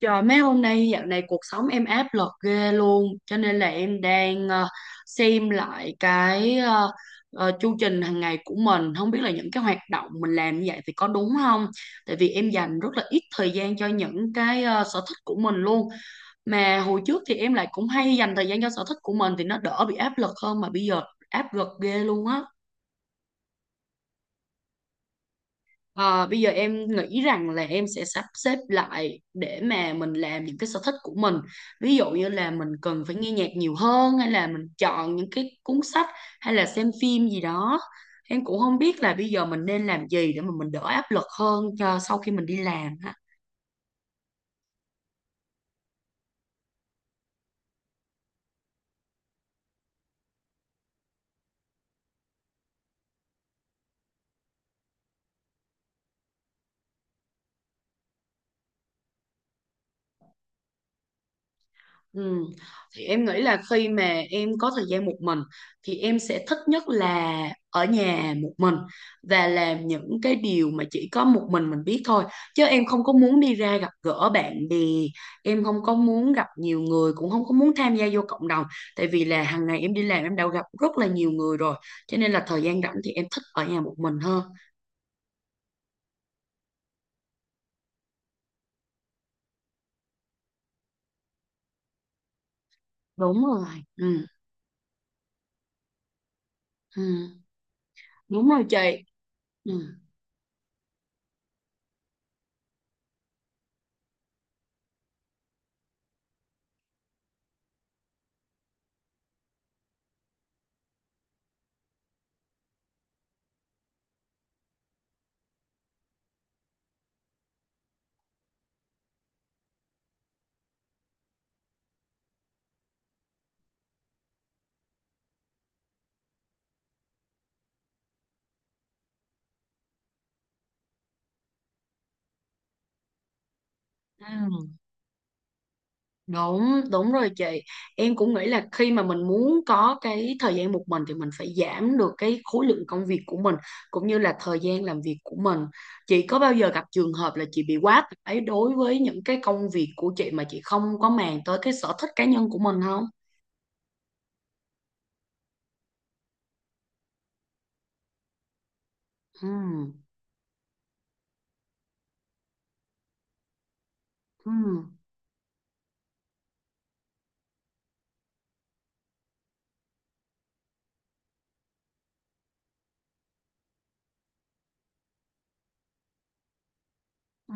Trời mấy hôm nay dạo này cuộc sống em áp lực ghê luôn, cho nên là em đang xem lại cái chu trình hàng ngày của mình, không biết là những cái hoạt động mình làm như vậy thì có đúng không, tại vì em dành rất là ít thời gian cho những cái sở thích của mình luôn. Mà hồi trước thì em lại cũng hay dành thời gian cho sở thích của mình thì nó đỡ bị áp lực hơn, mà bây giờ áp lực ghê luôn á. Ờ, Bây giờ em nghĩ rằng là em sẽ sắp xếp lại để mà mình làm những cái sở thích của mình. Ví dụ như là mình cần phải nghe nhạc nhiều hơn, hay là mình chọn những cái cuốn sách, hay là xem phim gì đó. Em cũng không biết là bây giờ mình nên làm gì để mà mình đỡ áp lực hơn cho sau khi mình đi làm. Ừ. Thì em nghĩ là khi mà em có thời gian một mình thì em sẽ thích nhất là ở nhà một mình và làm những cái điều mà chỉ có một mình biết thôi, chứ em không có muốn đi ra gặp gỡ bạn bè, em không có muốn gặp nhiều người, cũng không có muốn tham gia vô cộng đồng, tại vì là hàng ngày em đi làm em đã gặp rất là nhiều người rồi, cho nên là thời gian rảnh thì em thích ở nhà một mình hơn. Đúng rồi. Ừ, ừ. Đúng rồi chị. Ừ. Ừ. Đúng, đúng rồi chị. Em cũng nghĩ là khi mà mình muốn có cái thời gian một mình thì mình phải giảm được cái khối lượng công việc của mình, cũng như là thời gian làm việc của mình. Chị có bao giờ gặp trường hợp là chị bị quá tải đối với những cái công việc của chị mà chị không có màng tới cái sở thích cá nhân của mình không? Ừ, ừ, ừ,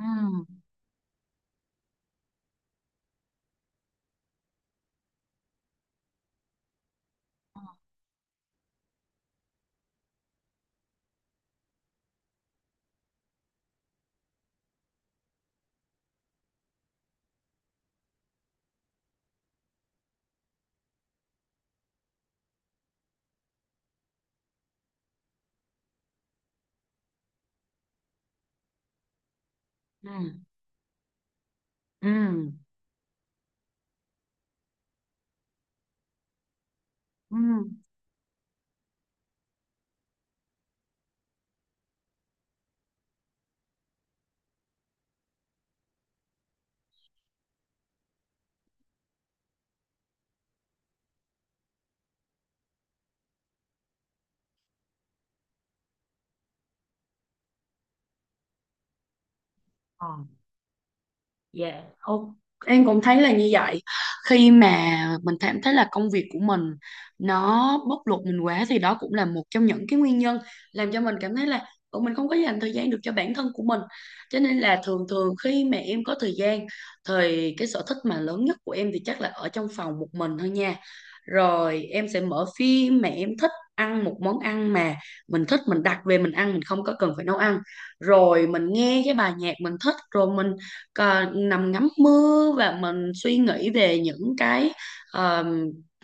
ừ, ừ, ừ. Ờ. Dạ, ô- Em cũng thấy là như vậy. Khi mà mình cảm thấy là công việc của mình nó bóc lột mình quá thì đó cũng là một trong những cái nguyên nhân làm cho mình cảm thấy là "Ủa, mình không có dành thời gian được cho bản thân của mình." Cho nên là thường thường khi mà em có thời gian thì cái sở thích mà lớn nhất của em thì chắc là ở trong phòng một mình thôi nha. Rồi em sẽ mở phim mà em thích, ăn một món ăn mà mình thích, mình đặt về mình ăn, mình không có cần phải nấu ăn. Rồi mình nghe cái bài nhạc mình thích, rồi mình nằm ngắm mưa và mình suy nghĩ về những cái ờ,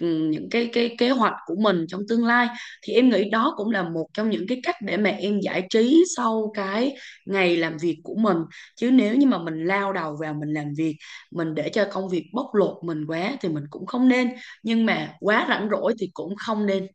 những cái kế hoạch của mình trong tương lai, thì em nghĩ đó cũng là một trong những cái cách để mà em giải trí sau cái ngày làm việc của mình. Chứ nếu như mà mình lao đầu vào mình làm việc, mình để cho công việc bóc lột mình quá thì mình cũng không nên, nhưng mà quá rảnh rỗi thì cũng không nên.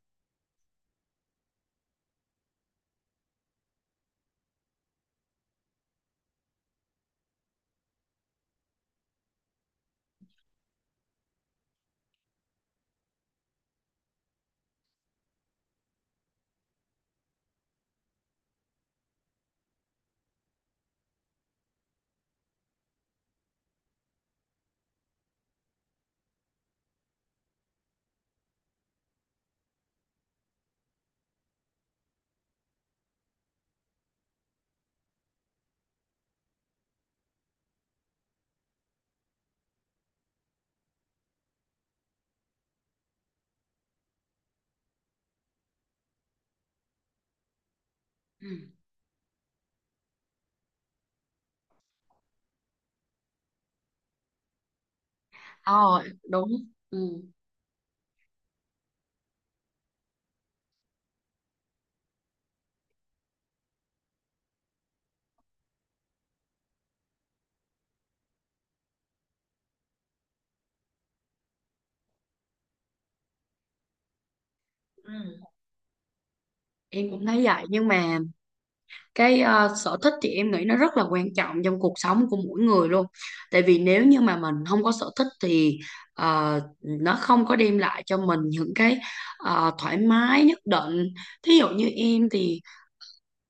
Ừ. Ờ, đúng. Ừ. Ừ. Em cũng thấy vậy, nhưng mà cái sở thích thì em nghĩ nó rất là quan trọng trong cuộc sống của mỗi người luôn, tại vì nếu như mà mình không có sở thích thì nó không có đem lại cho mình những cái thoải mái nhất định. Thí dụ như em thì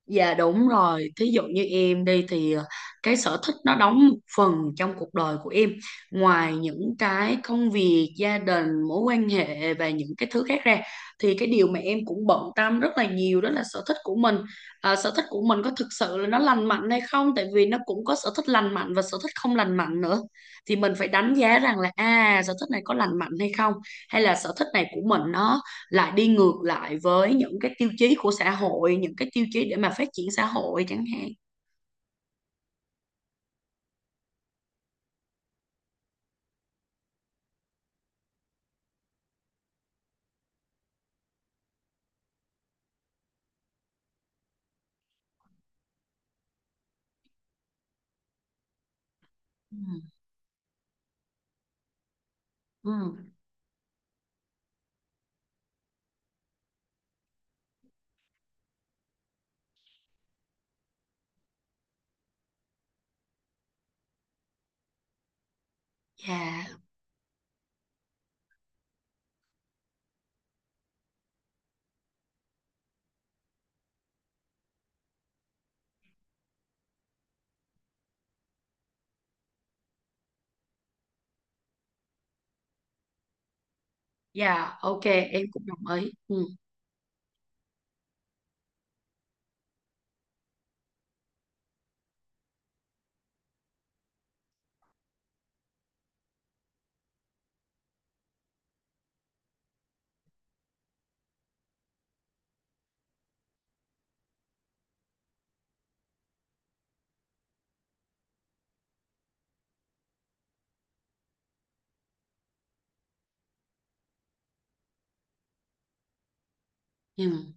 Dạ đúng rồi, thí dụ như em đi thì cái sở thích nó đóng một phần trong cuộc đời của em. Ngoài những cái công việc, gia đình, mối quan hệ và những cái thứ khác ra thì cái điều mà em cũng bận tâm rất là nhiều đó là sở thích của mình. À, sở thích của mình có thực sự là nó lành mạnh hay không? Tại vì nó cũng có sở thích lành mạnh và sở thích không lành mạnh nữa. Thì mình phải đánh giá rằng là à sở thích này có lành mạnh hay không, hay là sở thích này của mình nó lại đi ngược lại với những cái tiêu chí của xã hội, những cái tiêu chí để mà phát triển xã hội chẳng hạn. Ừ. Ừ. Dạ. Dạ ok, em cũng đồng ý. Ừ. Ừ.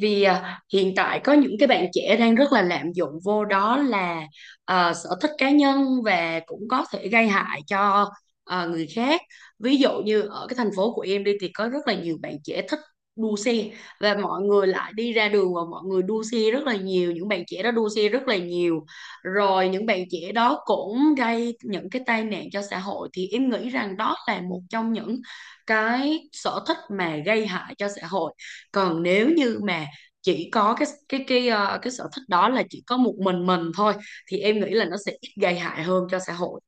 Vì à, hiện tại có những cái bạn trẻ đang rất là lạm dụng vô, đó là à, sở thích cá nhân và cũng có thể gây hại cho à, người khác. Ví dụ như ở cái thành phố của em đi thì có rất là nhiều bạn trẻ thích đua xe, và mọi người lại đi ra đường và mọi người đua xe rất là nhiều, những bạn trẻ đó đua xe rất là nhiều. Rồi những bạn trẻ đó cũng gây những cái tai nạn cho xã hội, thì em nghĩ rằng đó là một trong những cái sở thích mà gây hại cho xã hội. Còn nếu như mà chỉ có cái sở thích đó là chỉ có một mình thôi thì em nghĩ là nó sẽ ít gây hại hơn cho xã hội.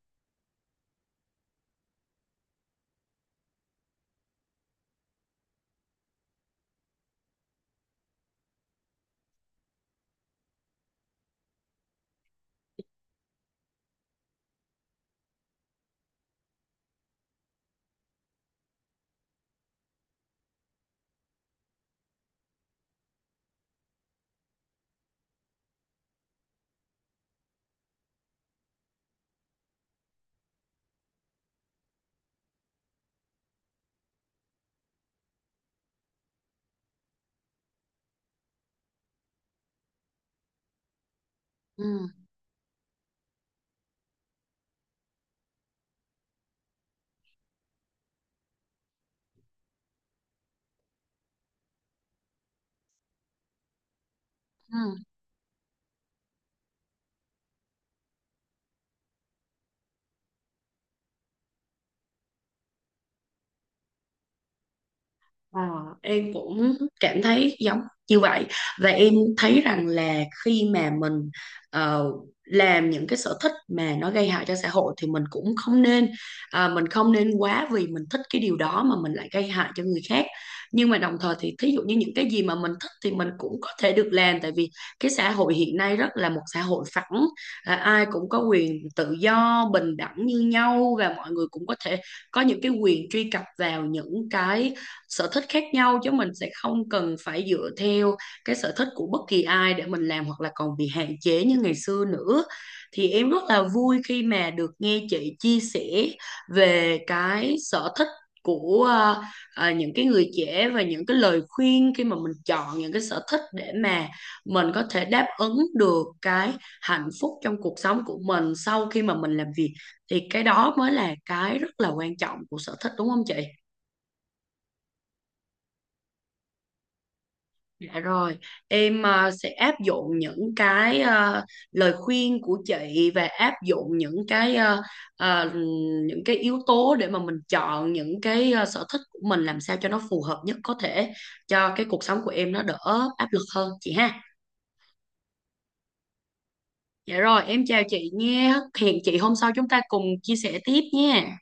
Ừ. Ừ. Ờ, em cũng cảm thấy giống như vậy, và em thấy rằng là khi mà mình ờ, làm những cái sở thích mà nó gây hại cho xã hội thì mình cũng không nên, à, mình không nên quá vì mình thích cái điều đó mà mình lại gây hại cho người khác. Nhưng mà đồng thời thì thí dụ như những cái gì mà mình thích thì mình cũng có thể được làm, tại vì cái xã hội hiện nay rất là một xã hội phẳng, à, ai cũng có quyền tự do bình đẳng như nhau và mọi người cũng có thể có những cái quyền truy cập vào những cái sở thích khác nhau, chứ mình sẽ không cần phải dựa theo cái sở thích của bất kỳ ai để mình làm hoặc là còn bị hạn chế như ngày xưa nữa. Thì em rất là vui khi mà được nghe chị chia sẻ về cái sở thích của những cái người trẻ và những cái lời khuyên khi mà mình chọn những cái sở thích để mà mình có thể đáp ứng được cái hạnh phúc trong cuộc sống của mình sau khi mà mình làm việc, thì cái đó mới là cái rất là quan trọng của sở thích, đúng không chị? Dạ rồi, em sẽ áp dụng những cái lời khuyên của chị và áp dụng những cái ờ, những cái yếu tố để mà mình chọn những cái sở thích của mình làm sao cho nó phù hợp nhất có thể cho cái cuộc sống của em nó đỡ áp lực hơn chị ha. Dạ rồi, em chào chị nha. Hẹn chị hôm sau chúng ta cùng chia sẻ tiếp nha.